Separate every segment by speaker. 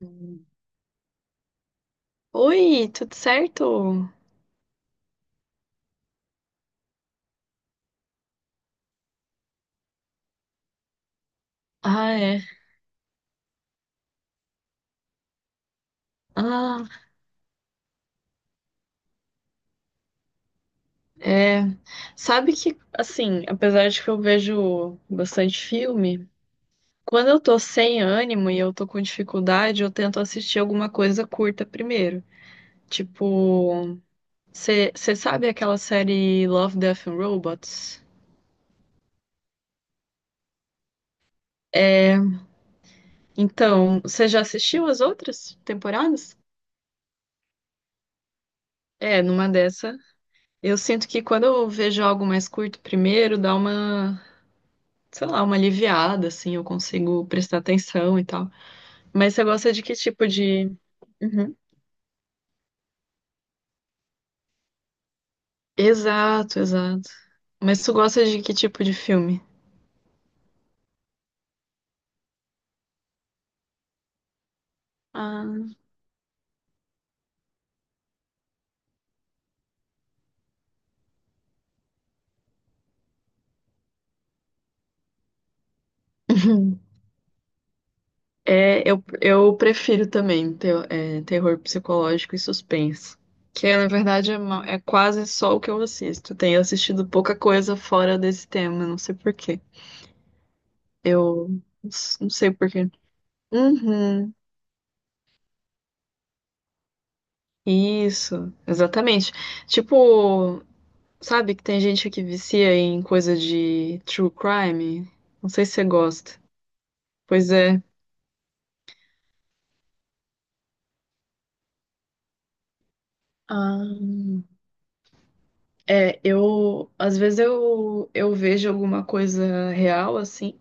Speaker 1: Hum. Oi, tudo certo? Ah, é. Ah, é. Sabe que, assim, apesar de que eu vejo bastante filme, quando eu tô sem ânimo e eu tô com dificuldade, eu tento assistir alguma coisa curta primeiro. Tipo, você sabe aquela série Love, Death and Robots? Então, você já assistiu as outras temporadas? É, numa dessa. Eu sinto que quando eu vejo algo mais curto primeiro, dá uma sei lá, uma aliviada, assim, eu consigo prestar atenção e tal. Mas você gosta de que tipo de. Uhum. Exato, exato. Mas tu gosta de que tipo de filme? Ah. É, eu prefiro também terror psicológico e suspense. Que é, na verdade é quase só o que eu assisto. Tenho assistido pouca coisa fora desse tema, não sei por quê. Eu não s- Não sei por quê. Uhum, isso, exatamente. Tipo, sabe que tem gente que vicia em coisa de true crime? Não sei se você gosta. Pois é. Ah, é, eu às vezes eu vejo alguma coisa real assim,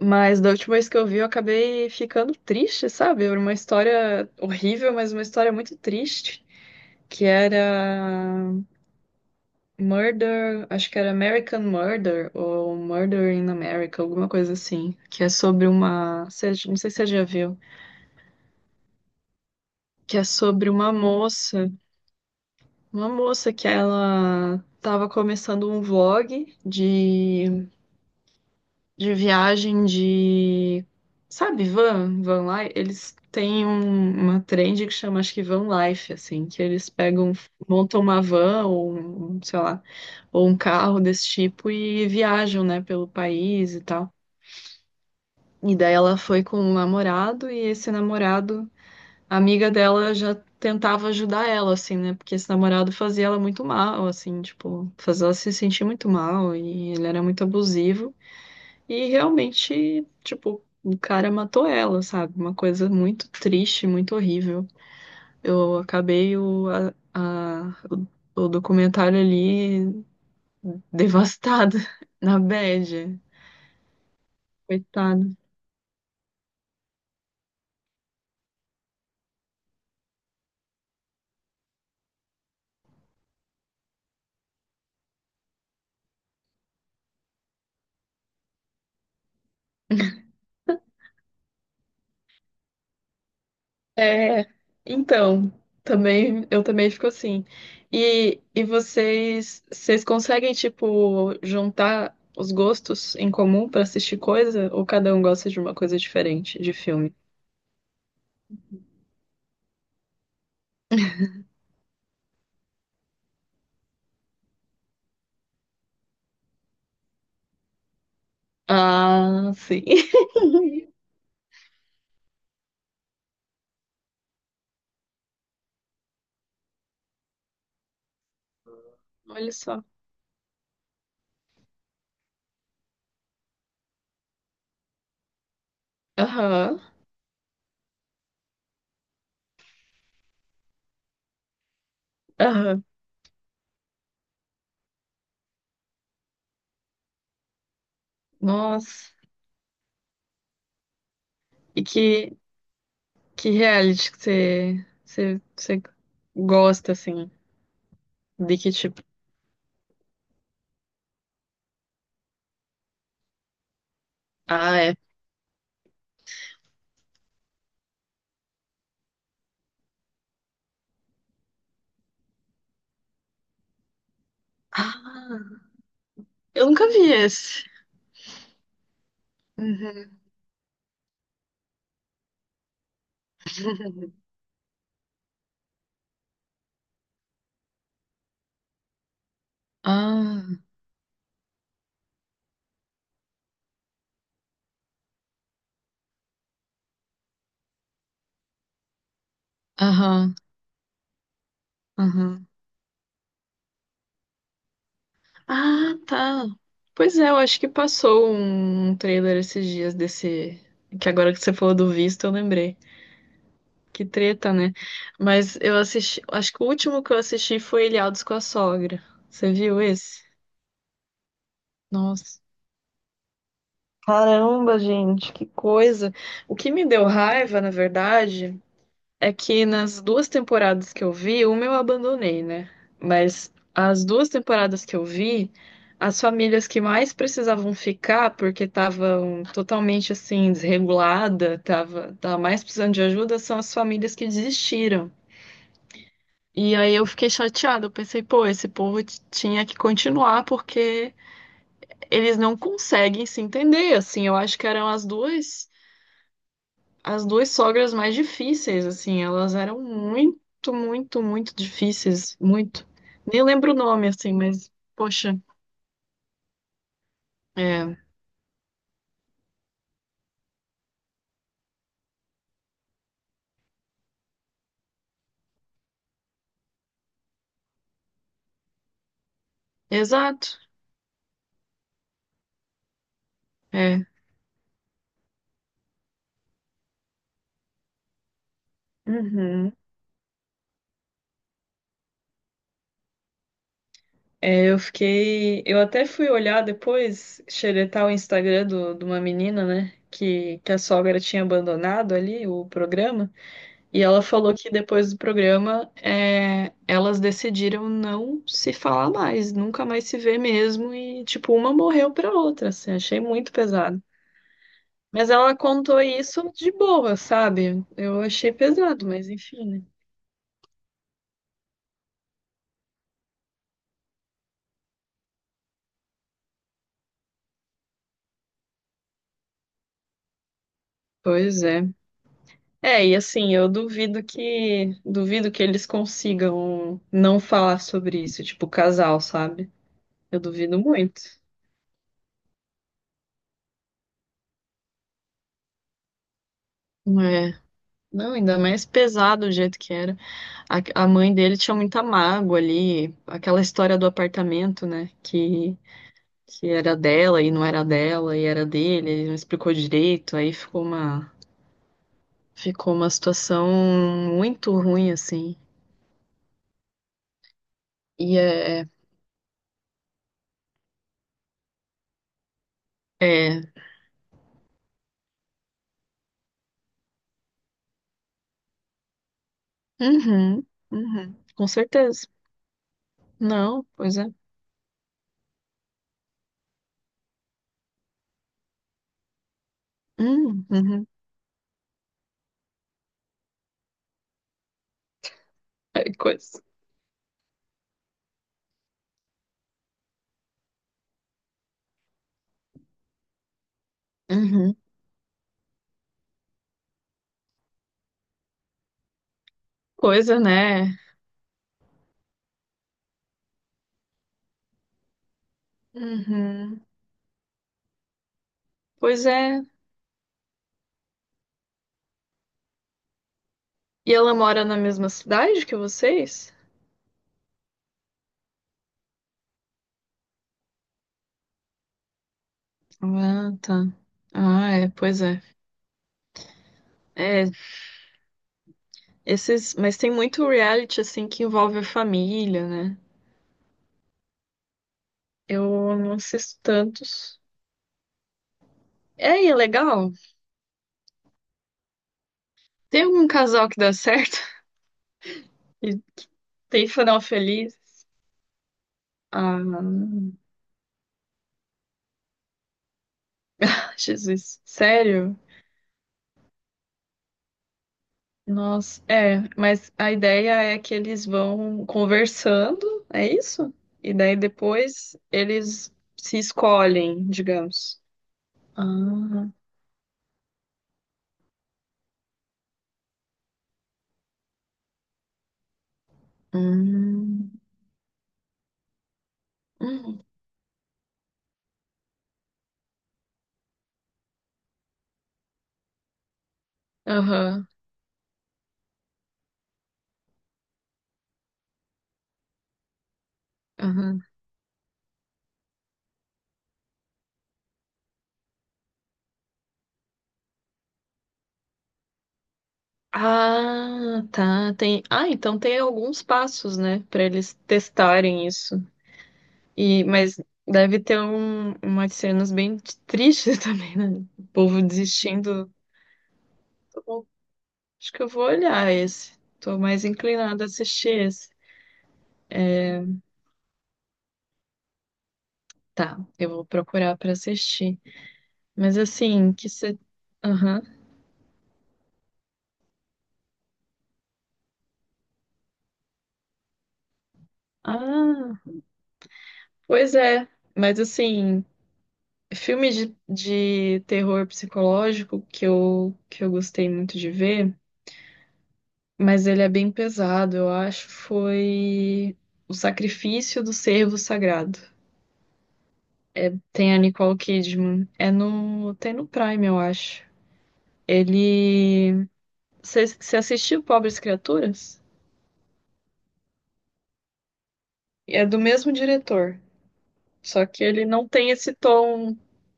Speaker 1: mas da última vez que eu vi eu acabei ficando triste, sabe? Era uma história horrível, mas uma história muito triste, que era Murder, acho que era American Murder ou Murder in America, alguma coisa assim, que é sobre uma, não sei se você já viu. Que é sobre uma moça que ela estava começando um vlog de viagem de, sabe, van, van life, eles têm uma trend que chama, acho que van life, assim, que eles pegam, montam uma van ou, sei lá, ou um carro desse tipo e viajam, né, pelo país e tal. E daí ela foi com um namorado e esse namorado, a amiga dela já tentava ajudar ela, assim, né? Porque esse namorado fazia ela muito mal, assim, tipo, fazia ela se sentir muito mal e ele era muito abusivo. E realmente, tipo, o cara matou ela, sabe? Uma coisa muito triste, muito horrível. Eu acabei o, a- o documentário ali devastada, na bad, coitada. É, então, também eu também fico assim. E vocês, vocês conseguem tipo juntar os gostos em comum pra assistir coisa ou cada um gosta de uma coisa diferente de filme? Ah, sim. Olha só. Aham. Aham. Nossa. E que reality que você gosta assim? De que tipo? Ah, é. Ah, eu nunca vi esse. Uhum. Ah. Aham, aham. Ah, tá. Pois é, eu acho que passou um trailer esses dias desse. Que agora que você falou do visto, eu lembrei. Que treta, né? Mas eu assisti. Acho que o último que eu assisti foi Ilhados com a Sogra. Você viu esse? Nossa. Caramba, gente, que coisa. O que me deu raiva, na verdade. É que nas duas temporadas que eu vi, uma eu abandonei, né? Mas as duas temporadas que eu vi, as famílias que mais precisavam ficar, porque estavam totalmente assim, desregulada, tava, tava mais precisando de ajuda, são as famílias que desistiram. E aí eu fiquei chateada, eu pensei, pô, esse povo tinha que continuar porque eles não conseguem se entender, assim, eu acho que eram as duas sogras mais difíceis, assim, elas eram muito, muito, muito difíceis, muito. Nem lembro o nome, assim, mas, poxa, é, exato, é. Uhum. É, eu fiquei, eu até fui olhar depois, xeretar o Instagram do, de uma menina, né, que a sogra tinha abandonado ali o programa. E ela falou que depois do programa, é, elas decidiram não se falar mais, nunca mais se ver mesmo. E, tipo, uma morreu pra outra, assim, achei muito pesado. Mas ela contou isso de boa, sabe? Eu achei pesado, mas enfim, né? Pois é. É, e assim, duvido que eles consigam não falar sobre isso, tipo, casal, sabe? Eu duvido muito. É. Não, ainda mais pesado o jeito que era. A mãe dele tinha muita mágoa ali, aquela história do apartamento, né? Que era dela e não era dela e era dele, ele não explicou direito, aí ficou uma situação muito ruim, assim. E é, é, é, uhum, uhum, com certeza. Não, pois é. Uhum, é coisa. Uhum, coisa, né? Uhum, pois é. E ela mora na mesma cidade que vocês? Ah, tá. Ah, é, pois é. É, esses, mas tem muito reality assim que envolve a família, né? Eu não assisto tantos. É, e é legal. Tem algum casal que dá certo e tem final feliz? Ah, Jesus, sério? Nossa, é, mas a ideia é que eles vão conversando, é isso? E daí depois eles se escolhem, digamos. Ah, hum, hum, aham, aham. Ah, tá. Tem. Ah, então tem alguns passos, né, para eles testarem isso. E mas deve ter umas cenas bem tristes também, né? O povo desistindo. Tá bom, acho que eu vou olhar esse. Tô mais inclinada a assistir esse. Tá, eu vou procurar para assistir. Mas assim, que você. Aham. Ah, pois é. Mas assim, filme de terror psicológico que eu gostei muito de ver. Mas ele é bem pesado, eu acho. Foi O Sacrifício do Servo Sagrado. Tem a Nicole Kidman. É no. Tem no Prime, eu acho. Ele. Você você assistiu Pobres Criaturas? É do mesmo diretor. Só que ele não tem esse tom.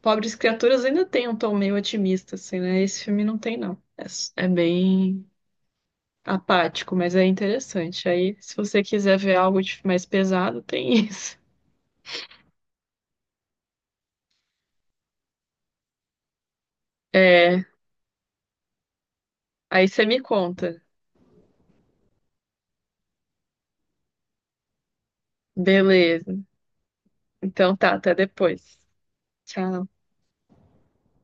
Speaker 1: Pobres Criaturas ainda tem um tom meio otimista, assim, né? Esse filme não tem, não. É, é bem apático, mas é interessante. Aí, se você quiser ver algo mais pesado, tem isso. É. Aí você me conta. Beleza. Então tá, até depois. Tchau.